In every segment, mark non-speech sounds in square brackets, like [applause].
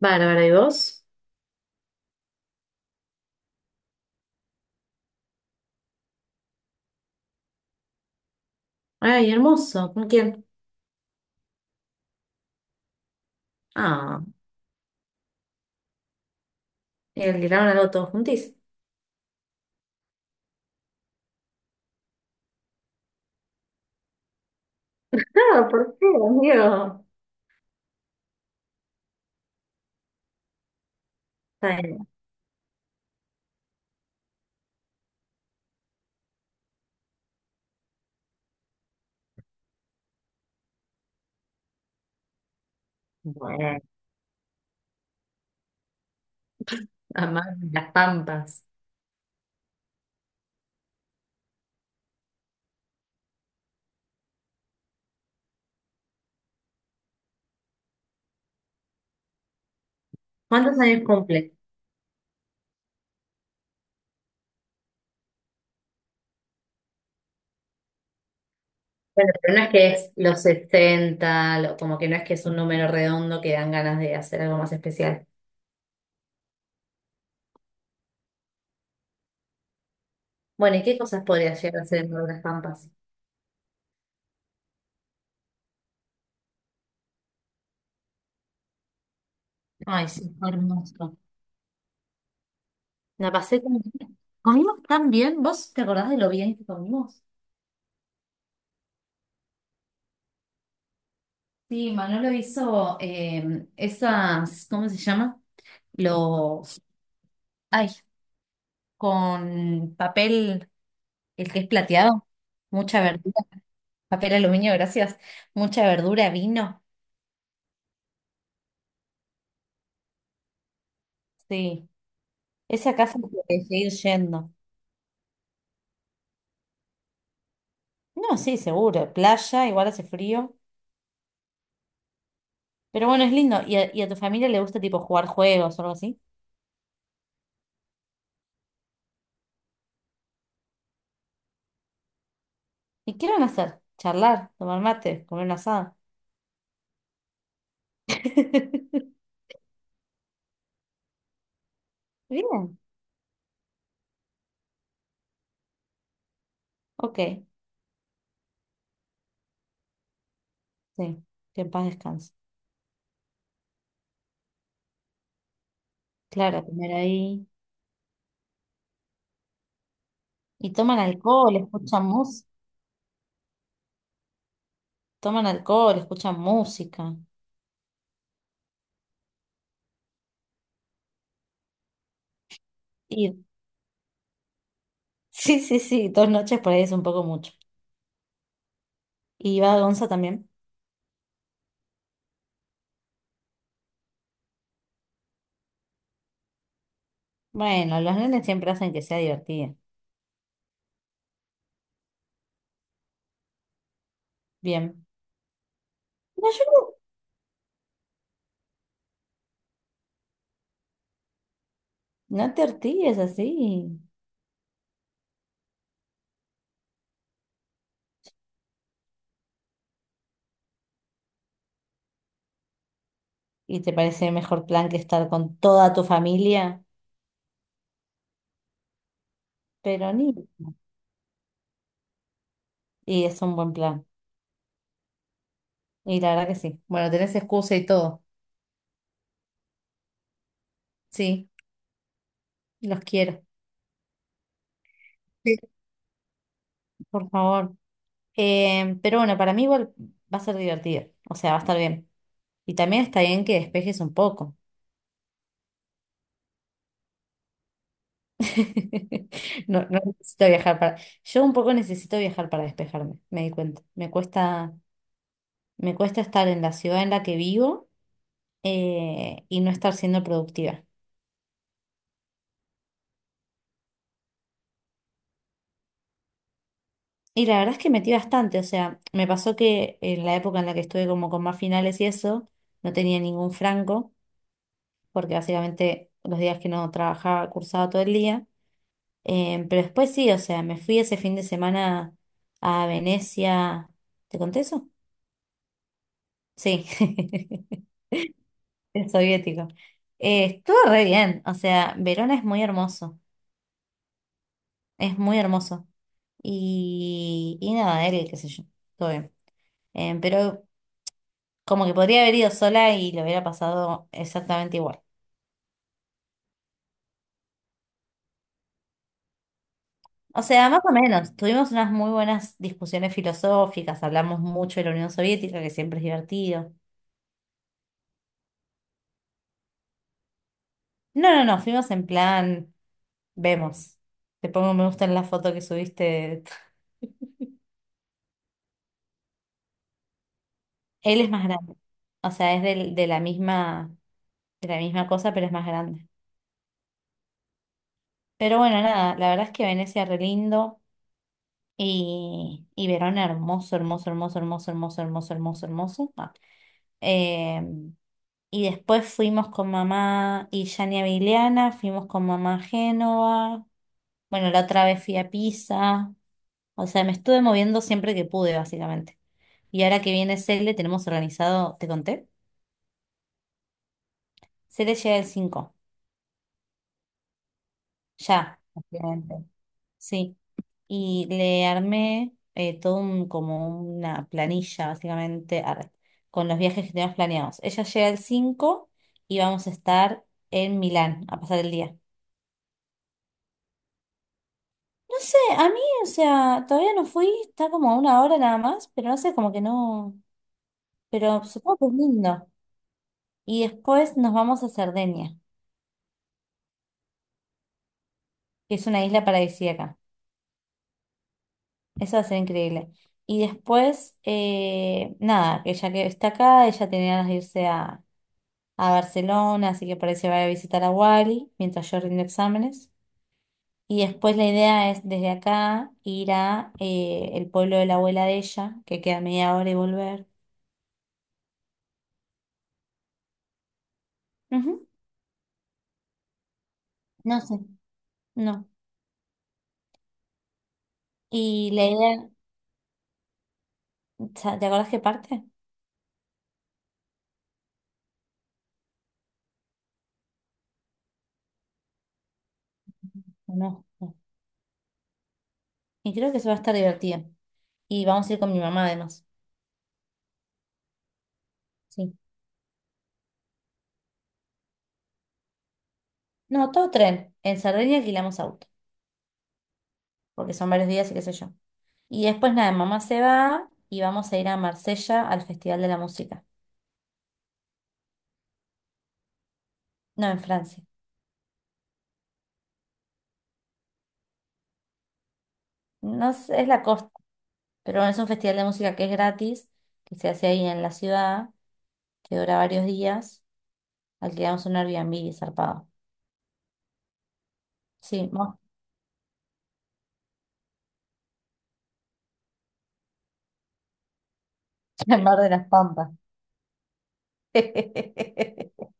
Bárbara, ¿y vos? Ay, hermoso. ¿Con quién? Ah, y alquilaron algo todos juntis. Claro, ¿por qué, amigo? Está bien. Bueno, amar las pampas. ¿Cuántos años cumple? Bueno, pero no es que es los 60, como que no es que es un número redondo que dan ganas de hacer algo más especial. Bueno, ¿y qué cosas podría llegar a hacer en las pampas? Ay, sí, fue hermoso. La pasé como... Comimos tan bien. ¿Vos te acordás de lo bien que comimos? Sí, Manolo hizo esas, ¿cómo se llama? Los, ay, con papel, el que es plateado, mucha verdura, papel aluminio, gracias, mucha verdura, vino, sí, ese acá se puede seguir yendo. No, sí, seguro, playa, igual hace frío, pero bueno, es lindo, ¿y a tu familia le gusta tipo jugar juegos o algo así? ¿Y qué van a hacer? ¿Charlar, tomar mate, comer un asado? [laughs] Bien, ok, sí, que en paz descanse. Claro, comer ahí. Y toman alcohol, escuchan música, toman alcohol, escuchan música. Y [laughs] sí, sí, sí, dos noches por ahí es un poco mucho. ¿Y va Gonza también? Bueno, los nenes siempre hacen que sea divertida. Bien. No, no te ortigues así. ¿Y te parece mejor plan que estar con toda tu familia? Pero ni. Y es un buen plan. Y la verdad que sí. Bueno, tenés excusa y todo. Sí, los quiero. Sí. Por favor. Pero bueno, para mí igual va a ser divertido, o sea, va a estar bien. Y también está bien que despejes un poco. [laughs] No, no necesito viajar para... Yo un poco necesito viajar para despejarme, me di cuenta. Me cuesta estar en la ciudad en la que vivo y no estar siendo productiva. Y la verdad es que metí bastante, o sea, me pasó que en la época en la que estuve como con más finales y eso, no tenía ningún franco, porque básicamente los días que no trabajaba, cursaba todo el día. Pero después sí, o sea, me fui ese fin de semana a Venecia. ¿Te conté eso? Sí, [laughs] el soviético. Estuvo re bien, o sea, Verona es muy hermoso, es muy hermoso. Y nada, él, qué sé yo, todo bien. Pero como que podría haber ido sola y lo hubiera pasado exactamente igual. O sea, más o menos, tuvimos unas muy buenas discusiones filosóficas, hablamos mucho de la Unión Soviética, que siempre es divertido. No, no, no, fuimos en plan... Vemos. Te pongo me gusta en la foto que subiste. [laughs] Él es más grande. O sea, es de la misma cosa, pero es más grande. Pero bueno, nada, la verdad es que Venecia re lindo y Verona hermoso, hermoso, hermoso, hermoso, hermoso, hermoso, hermoso, hermoso. Ah. Eh, y después fuimos con mamá y Yani a Vigliana, fuimos con mamá a Génova. Bueno, la otra vez fui a Pisa. O sea, me estuve moviendo siempre que pude, básicamente. Y ahora que viene Cele, tenemos organizado, ¿te conté? Se le llega el 5, ya, básicamente. Sí, y le armé como una planilla, básicamente, arre, con los viajes que tenemos planeados. Ella llega el 5 y vamos a estar en Milán a pasar el día. No sé, a mí, o sea, todavía no fui, está como a una hora nada más, pero no sé, como que no, pero supongo que es lindo. Y después nos vamos a Cerdeña, que es una isla paradisíaca. Eso va a ser increíble. Y después, nada, que ya que está acá, ella tenía ganas de a Barcelona, así que parece va a visitar a Wally mientras yo rindo exámenes. Y después la idea es desde acá ir a el pueblo de la abuela de ella, que queda media hora y volver. Ujú. No sé, no. Y la idea, ¿Te acordás qué parte? No, no. Y creo que eso va a estar divertido. Y vamos a ir con mi mamá además. Sí. No, todo tren. En Sardenia alquilamos auto. Porque son varios días y qué sé yo. Y después nada, mamá se va y vamos a ir a Marsella al Festival de la Música. No, en Francia. No sé, es la costa, pero bueno, es un festival de música que es gratis, que se hace ahí en la ciudad, que dura varios días. Alquilamos un Airbnb zarpado. Sí, vamos [laughs] al Mar de las Pampas. [laughs]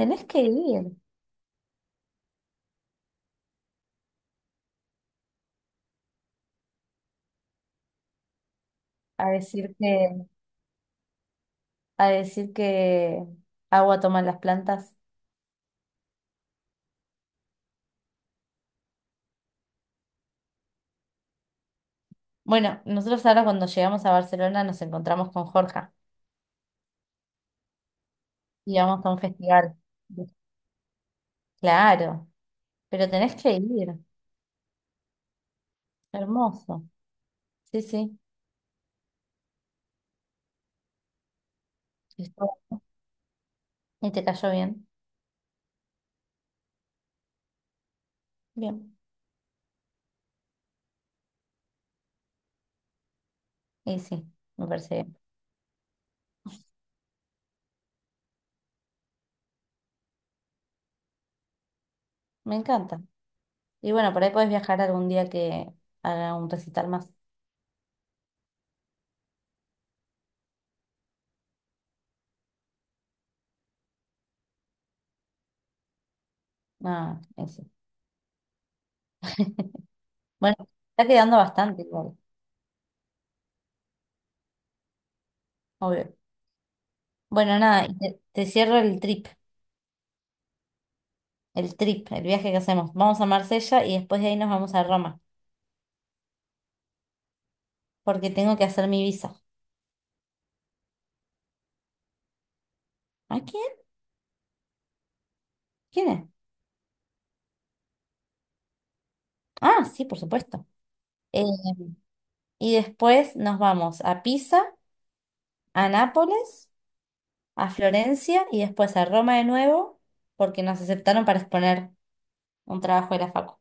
Tenés que ir a decir que, a decir que agua toman las plantas. Bueno, nosotros ahora cuando llegamos a Barcelona nos encontramos con Jorge. Y vamos a un festival. Claro, pero tenés que ir. Hermoso. Sí, sí. Esto- ¿Y te cayó bien? Bien. Y sí, me parece bien. Me encanta. Y bueno, por ahí podés viajar algún día que haga un recital más. Ah, eso. Bueno, está quedando bastante igual, obvio. Bueno, nada, te cierro el trip, el viaje que hacemos. Vamos a Marsella y después de ahí nos vamos a Roma, porque tengo que hacer mi visa. ¿A quién? ¿Quién es? Ah, sí, por supuesto. Eh, Y después nos vamos a Pisa, a Nápoles, a Florencia y después a Roma de nuevo, porque nos aceptaron para exponer un trabajo de la facu.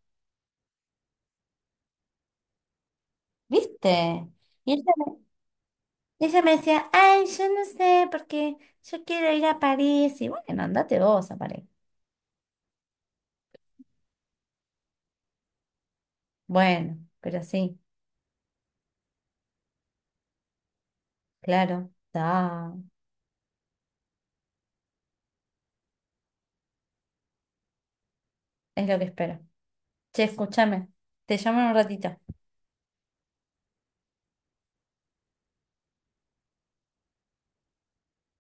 ¿Viste? Y ella me, ella me decía, ay, yo no sé, porque yo quiero ir a París. Y bueno, andate vos a París. Bueno, pero sí, claro, da, es lo que espero. Che, escúchame, te llamo en un ratito.